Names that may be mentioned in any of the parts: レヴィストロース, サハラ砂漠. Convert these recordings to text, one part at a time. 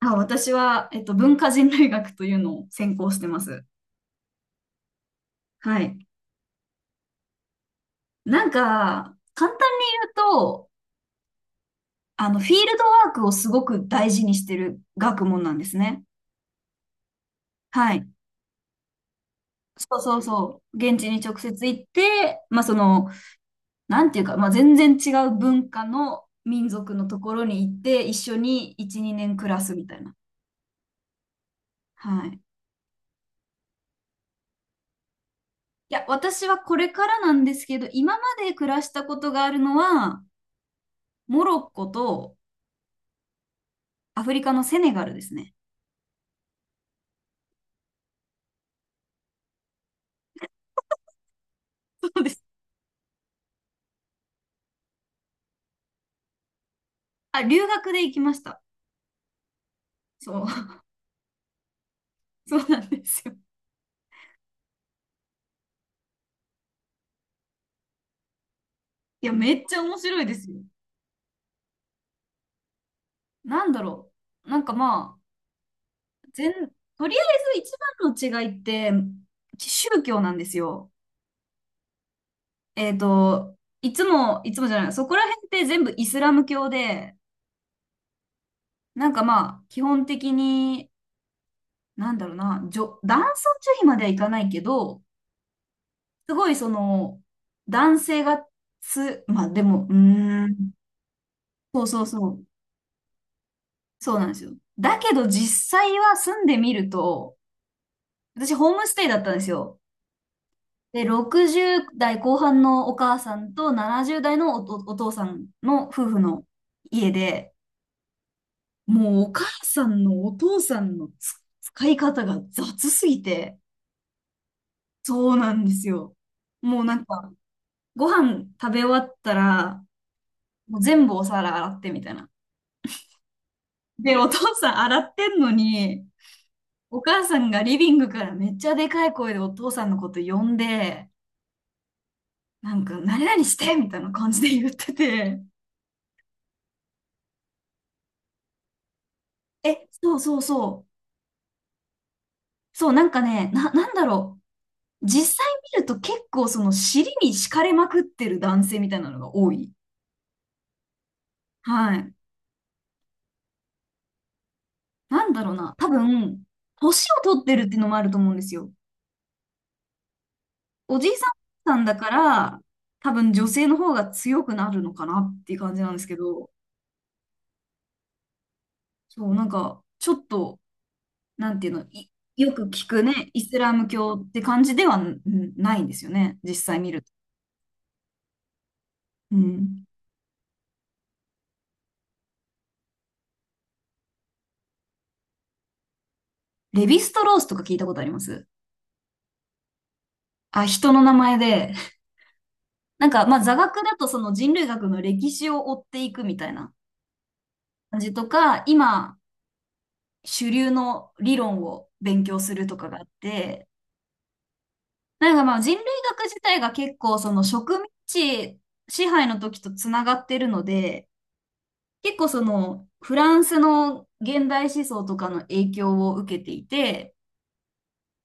あ、私は、文化人類学というのを専攻してます。はい。なんか、簡単に言うと、フィールドワークをすごく大事にしてる学問なんですね。はい。そうそうそう。現地に直接行って、まあ、その、なんていうか、まあ、全然違う文化の民族のところに行って、一緒に1、2年暮らすみたいな。はい。いや、私はこれからなんですけど、今まで暮らしたことがあるのは、モロッコと、アフリカのセネガルですね。そうです。あ、留学で行きました。そう、そうなんですよ。いや、めっちゃ面白いですよ。なんだろう。なんかまあ、全、とりあえず一番の違いって、宗教なんですよ。えっと、いつも、いつもじゃない、そこら辺って全部イスラム教で、なんかまあ、基本的に、なんだろうな、男尊女卑まではいかないけど、すごいその、男性がまあでも、そうそうそう。そうなんですよ。だけど実際は住んでみると、私ホームステイだったんですよ。で、60代後半のお母さんと70代のお父さんの夫婦の家で、もうお母さんのお父さんの使い方が雑すぎて、そうなんですよ。もうなんか、ご飯食べ終わったら、もう全部お皿洗ってみたいな。で、お父さん洗ってんのに、お母さんがリビングからめっちゃでかい声でお父さんのこと呼んで、なんか、何々してみたいな感じで言ってて、え、そうそうそう、そう、なんかね、なんだろう、実際見ると結構その尻に敷かれまくってる男性みたいなのが多い。はい。なんだろうな、多分、年を取ってるっていうのもあると思うんですよ。おじいさんだから、多分女性の方が強くなるのかなっていう感じなんですけど、そう、なんか、ちょっと、なんていうの、よく聞くね、イスラム教って感じではないんですよね、実際見ると。うん。レヴィストロースとか聞いたことあります。あ、人の名前で。なんか、まあ、座学だとその人類学の歴史を追っていくみたいな感じとか、今、主流の理論を勉強するとかがあって、なんかまあ人類学自体が結構その植民地支配の時とつながってるので、結構そのフランスの現代思想とかの影響を受けていて、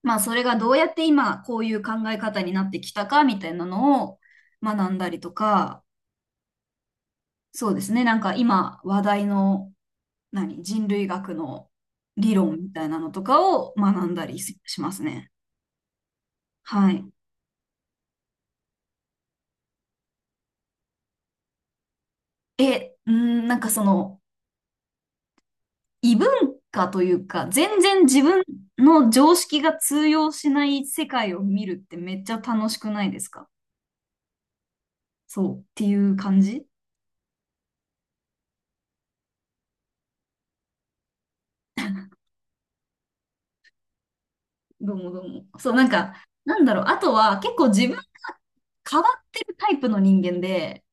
まあそれがどうやって今こういう考え方になってきたかみたいなのを学んだりとか、そうですね、なんか今話題の人類学の理論みたいなのとかを学んだりしますね。はい。え、うん、なんかその異文化というか、全然自分の常識が通用しない世界を見るってめっちゃ楽しくないですか？そうっていう感じ。どうもどうも。そう、なんか、なんだろう。あとは結構自分が変わってるタイプの人間で、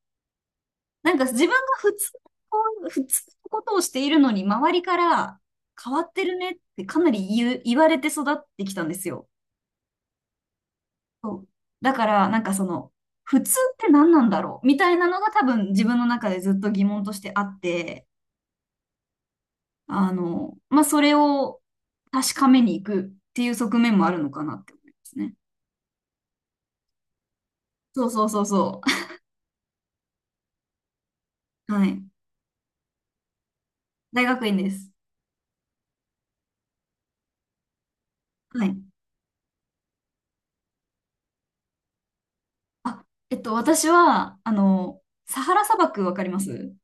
なんか自分がこ普通のことをしているのに、周りから変わってるねってかなり言われて育ってきたんですよ。そうだから、なんかその、普通って何なんだろうみたいなのが多分自分の中でずっと疑問としてあって、まあ、それを確かめに行くっていう側面もあるのかなって思いますね。そうそうそうそう。はい。大学院です。はい。あ、私は、サハラ砂漠わかります。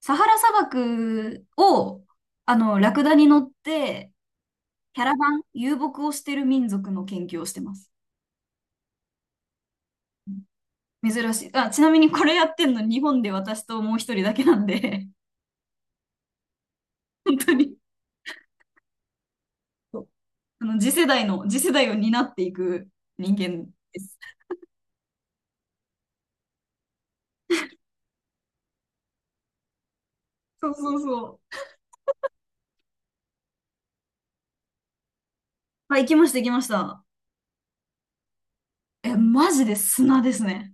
サハラ砂漠を、ラクダに乗って、キャラバン、遊牧をしてる民族の研究をしてます。珍しい。あ、ちなみにこれやってんの日本で私ともう一人だけなんで、本当に、そう、次世代を担っていく人間です。そうそうそう。はい、行きました、行きました。え、マジで砂ですね。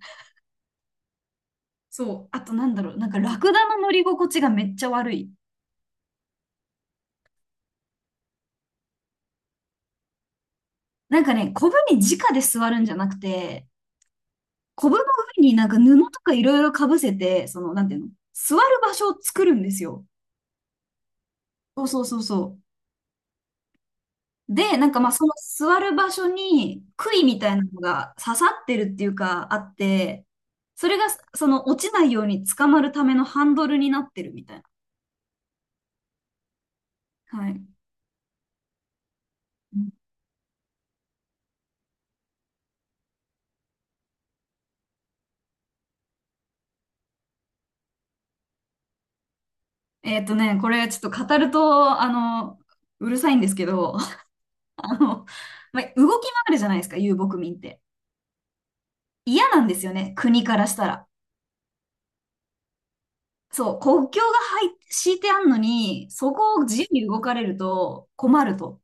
そう。あとなんだろう。なんかラクダの乗り心地がめっちゃ悪い。なんかね、コブに直で座るんじゃなくて、コブの上になんか布とかいろいろかぶせて、その、なんていうの、座る場所を作るんですよ。そうそうそうそう。で、なんかまあその座る場所に杭みたいなのが刺さってるっていうかあって、それがその落ちないように捕まるためのハンドルになってるみたいな。はい。うん。これちょっと語ると、うるさいんですけど、あの、まあ、動き回るじゃないですか、遊牧民って。嫌なんですよね、国からしたら。そう、国境が敷いてあんのに、そこを自由に動かれると困ると。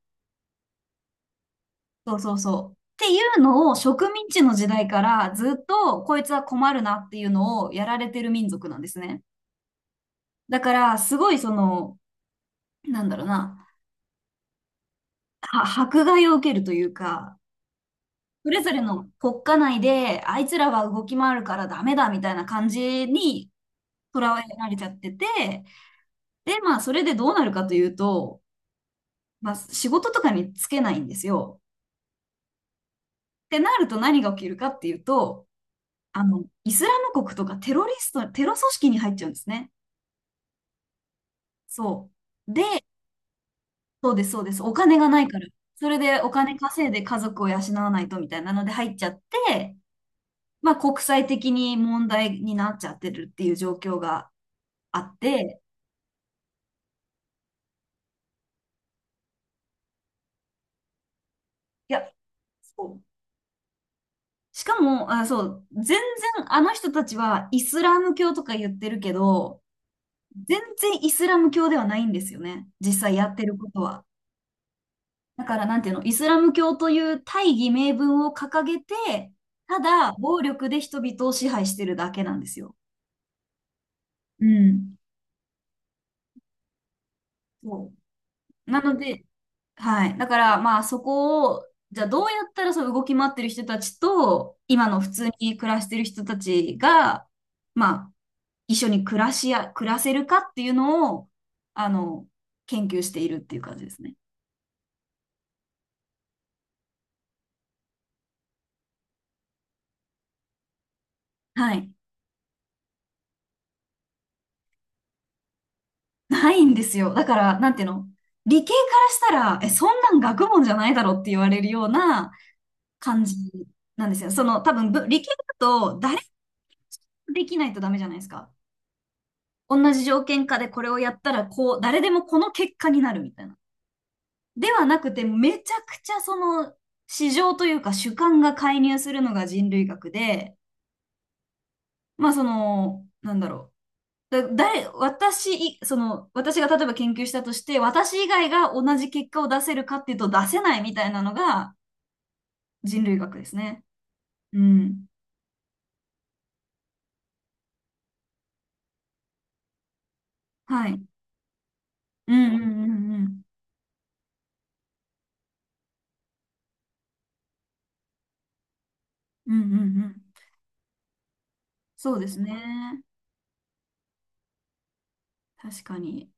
そうそうそう。っていうのを植民地の時代からずっとこいつは困るなっていうのをやられてる民族なんですね。だからすごいその、なんだろうな、迫害を受けるというか、それぞれの国家内であいつらは動き回るからダメだみたいな感じに捉えられちゃってて、で、まあ、それでどうなるかというと、まあ、仕事とかにつけないんですよ。ってなると何が起きるかっていうと、イスラム国とかテロリスト、テロ組織に入っちゃうんですね。そう。で、そうです、そうです。お金がないから。それでお金稼いで家族を養わないとみたいなので入っちゃって、まあ、国際的に問題になっちゃってるっていう状況があって、いや、そう、しかも、あ、そう、全然あの人たちはイスラム教とか言ってるけど、全然イスラム教ではないんですよね。実際やってることは。だから、なんていうの、イスラム教という大義名分を掲げて、ただ暴力で人々を支配してるだけなんですよ。うん。そう。なので、はい。だから、まあそこを、じゃあどうやったらその動き回ってる人たちと、今の普通に暮らしてる人たちが、まあ、一緒に暮らせるかっていうのを、あの、研究しているっていう感じですね。はい。ないんですよ。だから、なんていうの、理系からしたら、え、そんなん学問じゃないだろって言われるような感じなんですよ。その、多分、理系だと誰もできないとダメじゃないですか。同じ条件下でこれをやったら、こう、誰でもこの結果になるみたいな。ではなくて、めちゃくちゃその、市場というか主観が介入するのが人類学で、まあその、なんだろう。その、私が例えば研究したとして、私以外が同じ結果を出せるかっていうと出せないみたいなのが人類学ですね。うん。はい。うんうんうんうん。うんうんうん。そうですね。確かに。